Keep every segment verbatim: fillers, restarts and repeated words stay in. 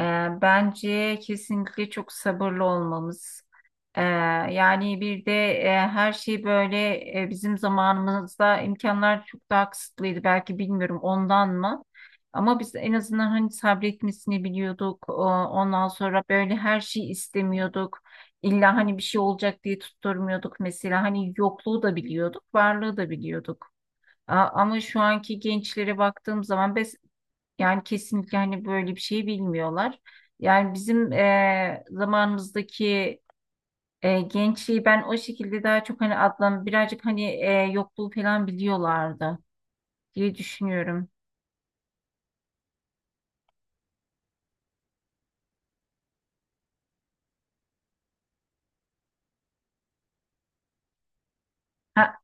Ee, Bence kesinlikle çok sabırlı olmamız. Ee, yani bir de e, her şey böyle, e, bizim zamanımızda imkanlar çok daha kısıtlıydı. Belki bilmiyorum ondan mı? Ama biz en azından hani sabretmesini biliyorduk. O- Ondan sonra böyle her şeyi istemiyorduk. İlla hani bir şey olacak diye tutturmuyorduk mesela. Hani yokluğu da biliyorduk, varlığı da biliyorduk. A- Ama şu anki gençlere baktığım zaman yani kesinlikle hani böyle bir şey bilmiyorlar. Yani bizim eee, zamanımızdaki eee, gençliği ben o şekilde daha çok hani adlan birazcık hani eee, yokluğu falan biliyorlardı diye düşünüyorum. Ha,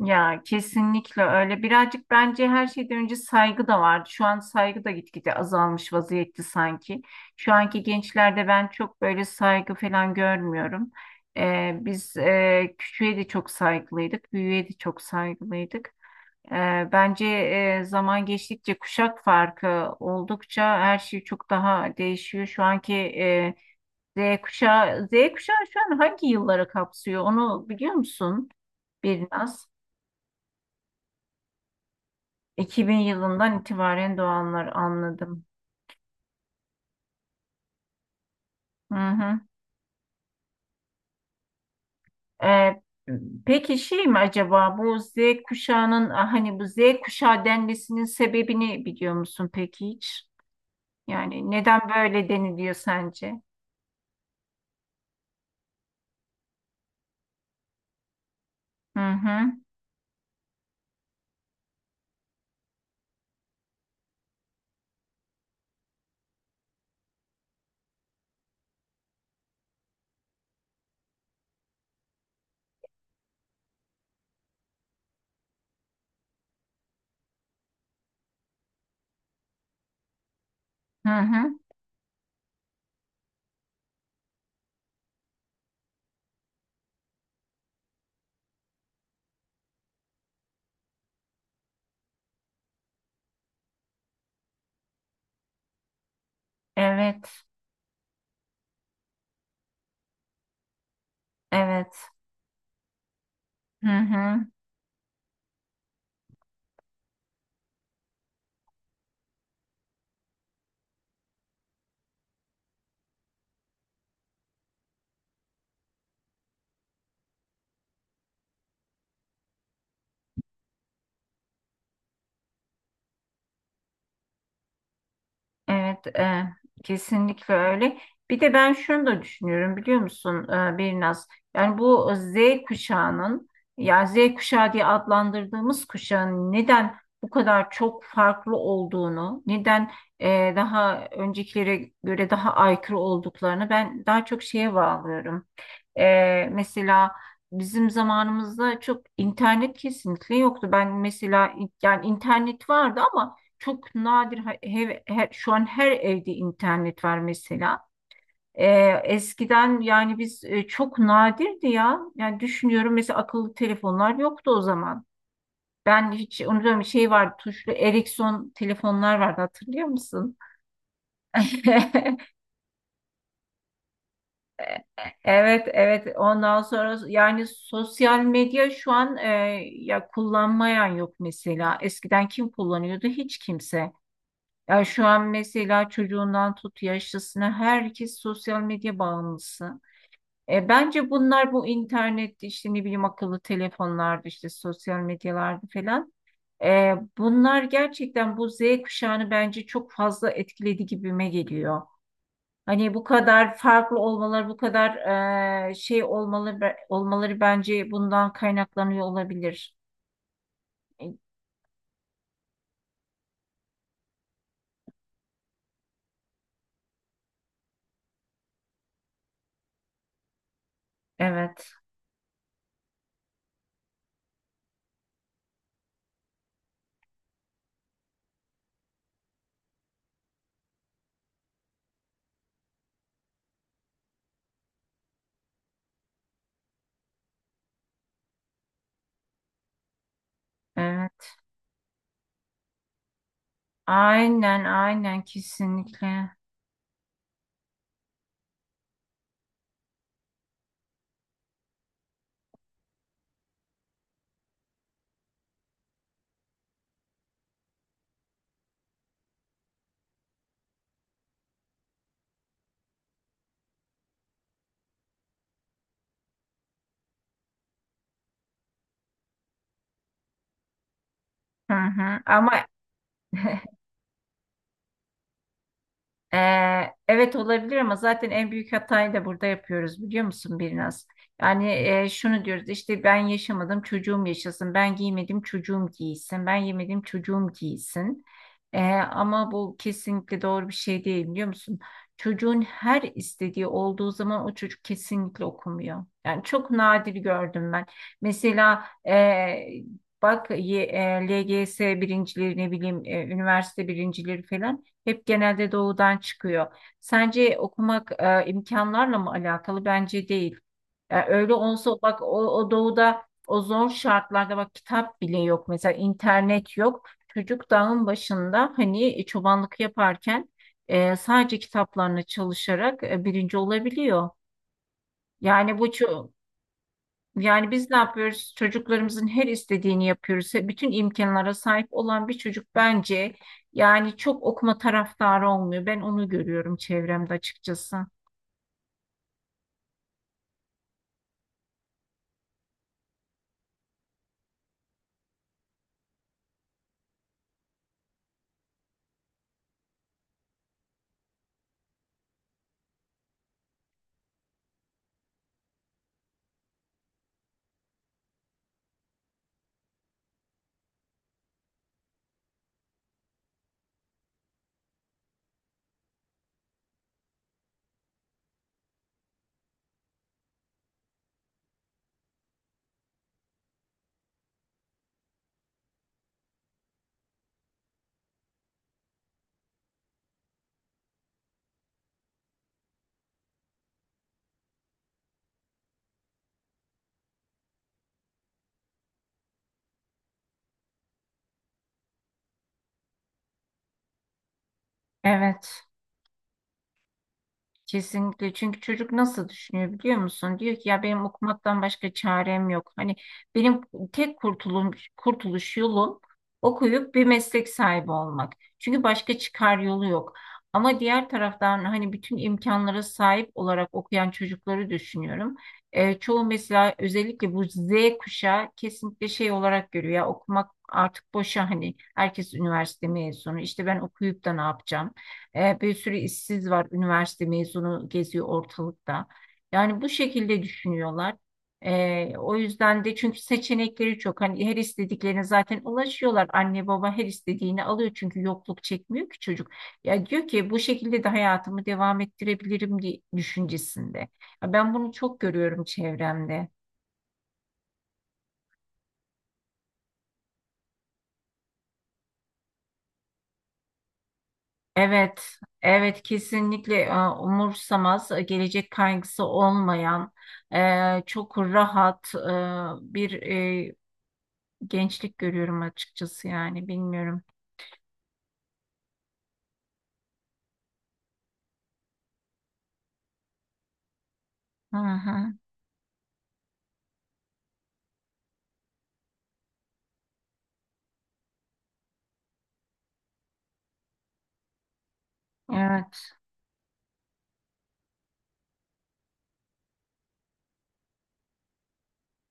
ya kesinlikle öyle. Birazcık bence her şeyden önce saygı da vardı. Şu an saygı da gitgide azalmış vaziyette sanki. Şu anki gençlerde ben çok böyle saygı falan görmüyorum. Eee, biz eee küçüğe de çok saygılıydık, büyüğe de çok saygılıydık. Ee, Bence e, zaman geçtikçe kuşak farkı oldukça her şey çok daha değişiyor. Şu anki e, Z kuşağı, Z kuşağı şu an hangi yılları kapsıyor? Onu biliyor musun? Biraz. iki bin yılından itibaren doğanlar, anladım. Hı hı. Ee, peki şey mi acaba bu Z kuşağının ah, hani bu Z kuşağı denmesinin sebebini biliyor musun peki hiç? Yani neden böyle deniliyor sence? Hı hı. Hı hı. Evet. Evet. Hı hı. Evet, e, kesinlikle öyle. Bir de ben şunu da düşünüyorum biliyor musun, e, Birnaz? Yani bu e, Z kuşağının, ya Z kuşağı diye adlandırdığımız kuşağın neden bu kadar çok farklı olduğunu, neden e, daha öncekilere göre daha aykırı olduklarını ben daha çok şeye bağlıyorum. Ee, mesela bizim zamanımızda çok internet kesinlikle yoktu. Ben mesela in- yani internet vardı ama çok nadir ha- he- he- şu an her evde internet var mesela. Ee, eskiden yani biz e, çok nadirdi ya. Yani düşünüyorum mesela akıllı telefonlar yoktu o zaman. Ben hiç unutmuyorum şey vardı, tuşlu Ericsson telefonlar vardı, hatırlıyor musun? Evet, evet. Ondan sonra yani sosyal medya şu an e, ya kullanmayan yok mesela. Eskiden kim kullanıyordu? Hiç kimse. Ya şu an mesela çocuğundan tut yaşlısına herkes sosyal medya bağımlısı. E, bence bunlar bu internette işte ne bileyim akıllı telefonlarda işte sosyal medyalarda falan. E, bunlar gerçekten bu Z kuşağını bence çok fazla etkiledi gibime geliyor. Hani bu kadar farklı olmaları, bu kadar e, şey olmaları, olmaları bence bundan kaynaklanıyor olabilir. E, Evet, evet. Aynen, aynen kesinlikle. Hı hı. Ama Ee, evet olabilir ama zaten en büyük hatayı da burada yapıyoruz biliyor musun biraz? Yani e, şunu diyoruz işte ben yaşamadım çocuğum yaşasın, ben giymedim çocuğum giysin, ben yemedim çocuğum giysin. Ee, ama bu kesinlikle doğru bir şey değil biliyor musun? Çocuğun her istediği olduğu zaman o çocuk kesinlikle okumuyor. Yani çok nadir gördüm ben. Mesela e, bak y- e, L G S birincileri, ne bileyim e, üniversite birincileri falan. Hep genelde doğudan çıkıyor. Sence okumak e, imkanlarla mı alakalı? Bence değil. Yani öyle olsa bak o, o doğuda o zor şartlarda bak kitap bile yok. Mesela internet yok. Çocuk dağın başında hani e, çobanlık yaparken e, sadece kitaplarına çalışarak e, birinci olabiliyor. Yani bu çok, yani biz ne yapıyoruz? Çocuklarımızın her istediğini yapıyoruz. Bütün imkanlara sahip olan bir çocuk bence yani çok okuma taraftarı olmuyor. Ben onu görüyorum çevremde açıkçası. Evet. Kesinlikle, çünkü çocuk nasıl düşünüyor biliyor musun? Diyor ki ya benim okumaktan başka çarem yok. Hani benim tek kurtuluş, kurtuluş yolum okuyup bir meslek sahibi olmak. Çünkü başka çıkar yolu yok. Ama diğer taraftan hani bütün imkanlara sahip olarak okuyan çocukları düşünüyorum. Ee, çoğu mesela özellikle bu Z kuşağı kesinlikle şey olarak görüyor, ya okumak artık boşa, hani herkes üniversite mezunu, işte ben okuyup da ne yapacağım? E, bir sürü işsiz var, üniversite mezunu geziyor ortalıkta. Yani bu şekilde düşünüyorlar. E, o yüzden de, çünkü seçenekleri çok. Hani her istediklerine zaten ulaşıyorlar. Anne baba her istediğini alıyor çünkü yokluk çekmiyor ki çocuk. Ya diyor ki bu şekilde de hayatımı devam ettirebilirim diye düşüncesinde. Ya ben bunu çok görüyorum çevremde. Evet, evet kesinlikle, e, umursamaz, e, gelecek kaygısı olmayan, e, çok rahat e, bir e, gençlik görüyorum açıkçası, yani bilmiyorum. Hı hı, evet.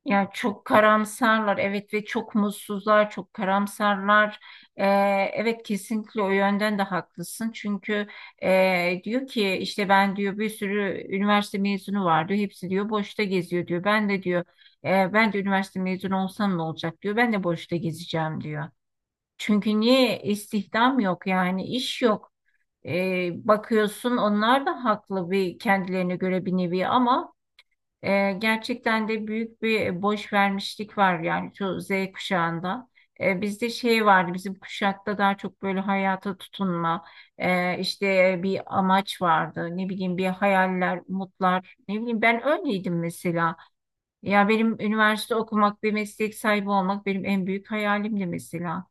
Yani çok karamsarlar, evet, ve çok mutsuzlar, çok karamsarlar. Ee, evet kesinlikle o yönden de haklısın. Çünkü e, diyor ki işte ben, diyor, bir sürü üniversite mezunu var, diyor. Hepsi, diyor, boşta geziyor, diyor. Ben de, diyor, e, ben de üniversite mezunu olsam ne olacak, diyor. Ben de boşta gezeceğim, diyor. Çünkü niye istihdam yok, yani iş yok. Ee, bakıyorsun onlar da haklı bir, kendilerine göre bir nevi, ama e, gerçekten de büyük bir e, boş vermişlik var yani şu Z kuşağında. E, bizde şey vardı, bizim kuşakta daha çok böyle hayata tutunma, e, işte e, bir amaç vardı, ne bileyim bir hayaller, umutlar, ne bileyim ben öyleydim mesela. Ya benim üniversite okumak, bir meslek sahibi olmak benim en büyük hayalimdi mesela.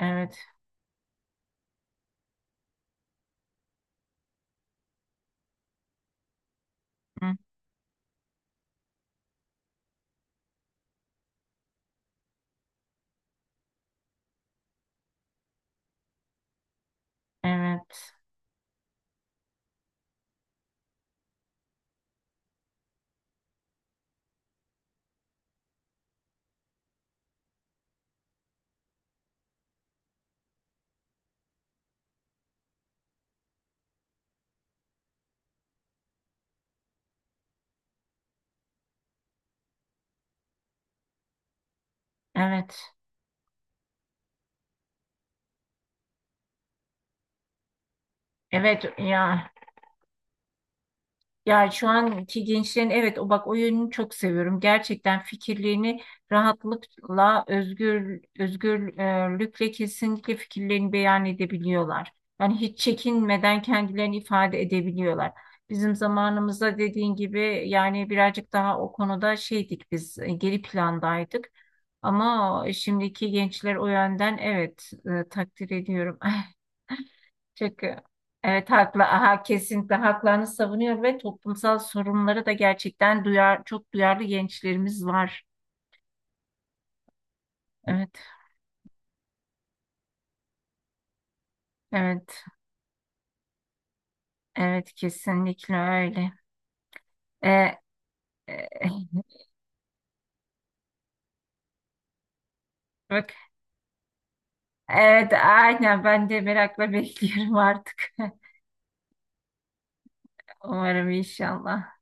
Evet, Hı, evet, evet, evet ya. Ya şu anki gençlerin, evet, o bak o yönünü çok seviyorum. Gerçekten fikirlerini rahatlıkla, özgür özgürlükle kesinlikle fikirlerini beyan edebiliyorlar. Yani hiç çekinmeden kendilerini ifade edebiliyorlar. Bizim zamanımızda dediğin gibi yani birazcık daha o konuda şeydik biz, e, geri plandaydık. Ama şimdiki gençler o yönden, evet, e, takdir ediyorum. Çünkü evet haklı, aha, kesinlikle haklarını savunuyor ve toplumsal sorunları da gerçekten duyar, çok duyarlı gençlerimiz var. Evet, evet, evet kesinlikle öyle. Ee, e, bak, evet aynen ben de merakla bekliyorum artık. Umarım inşallah.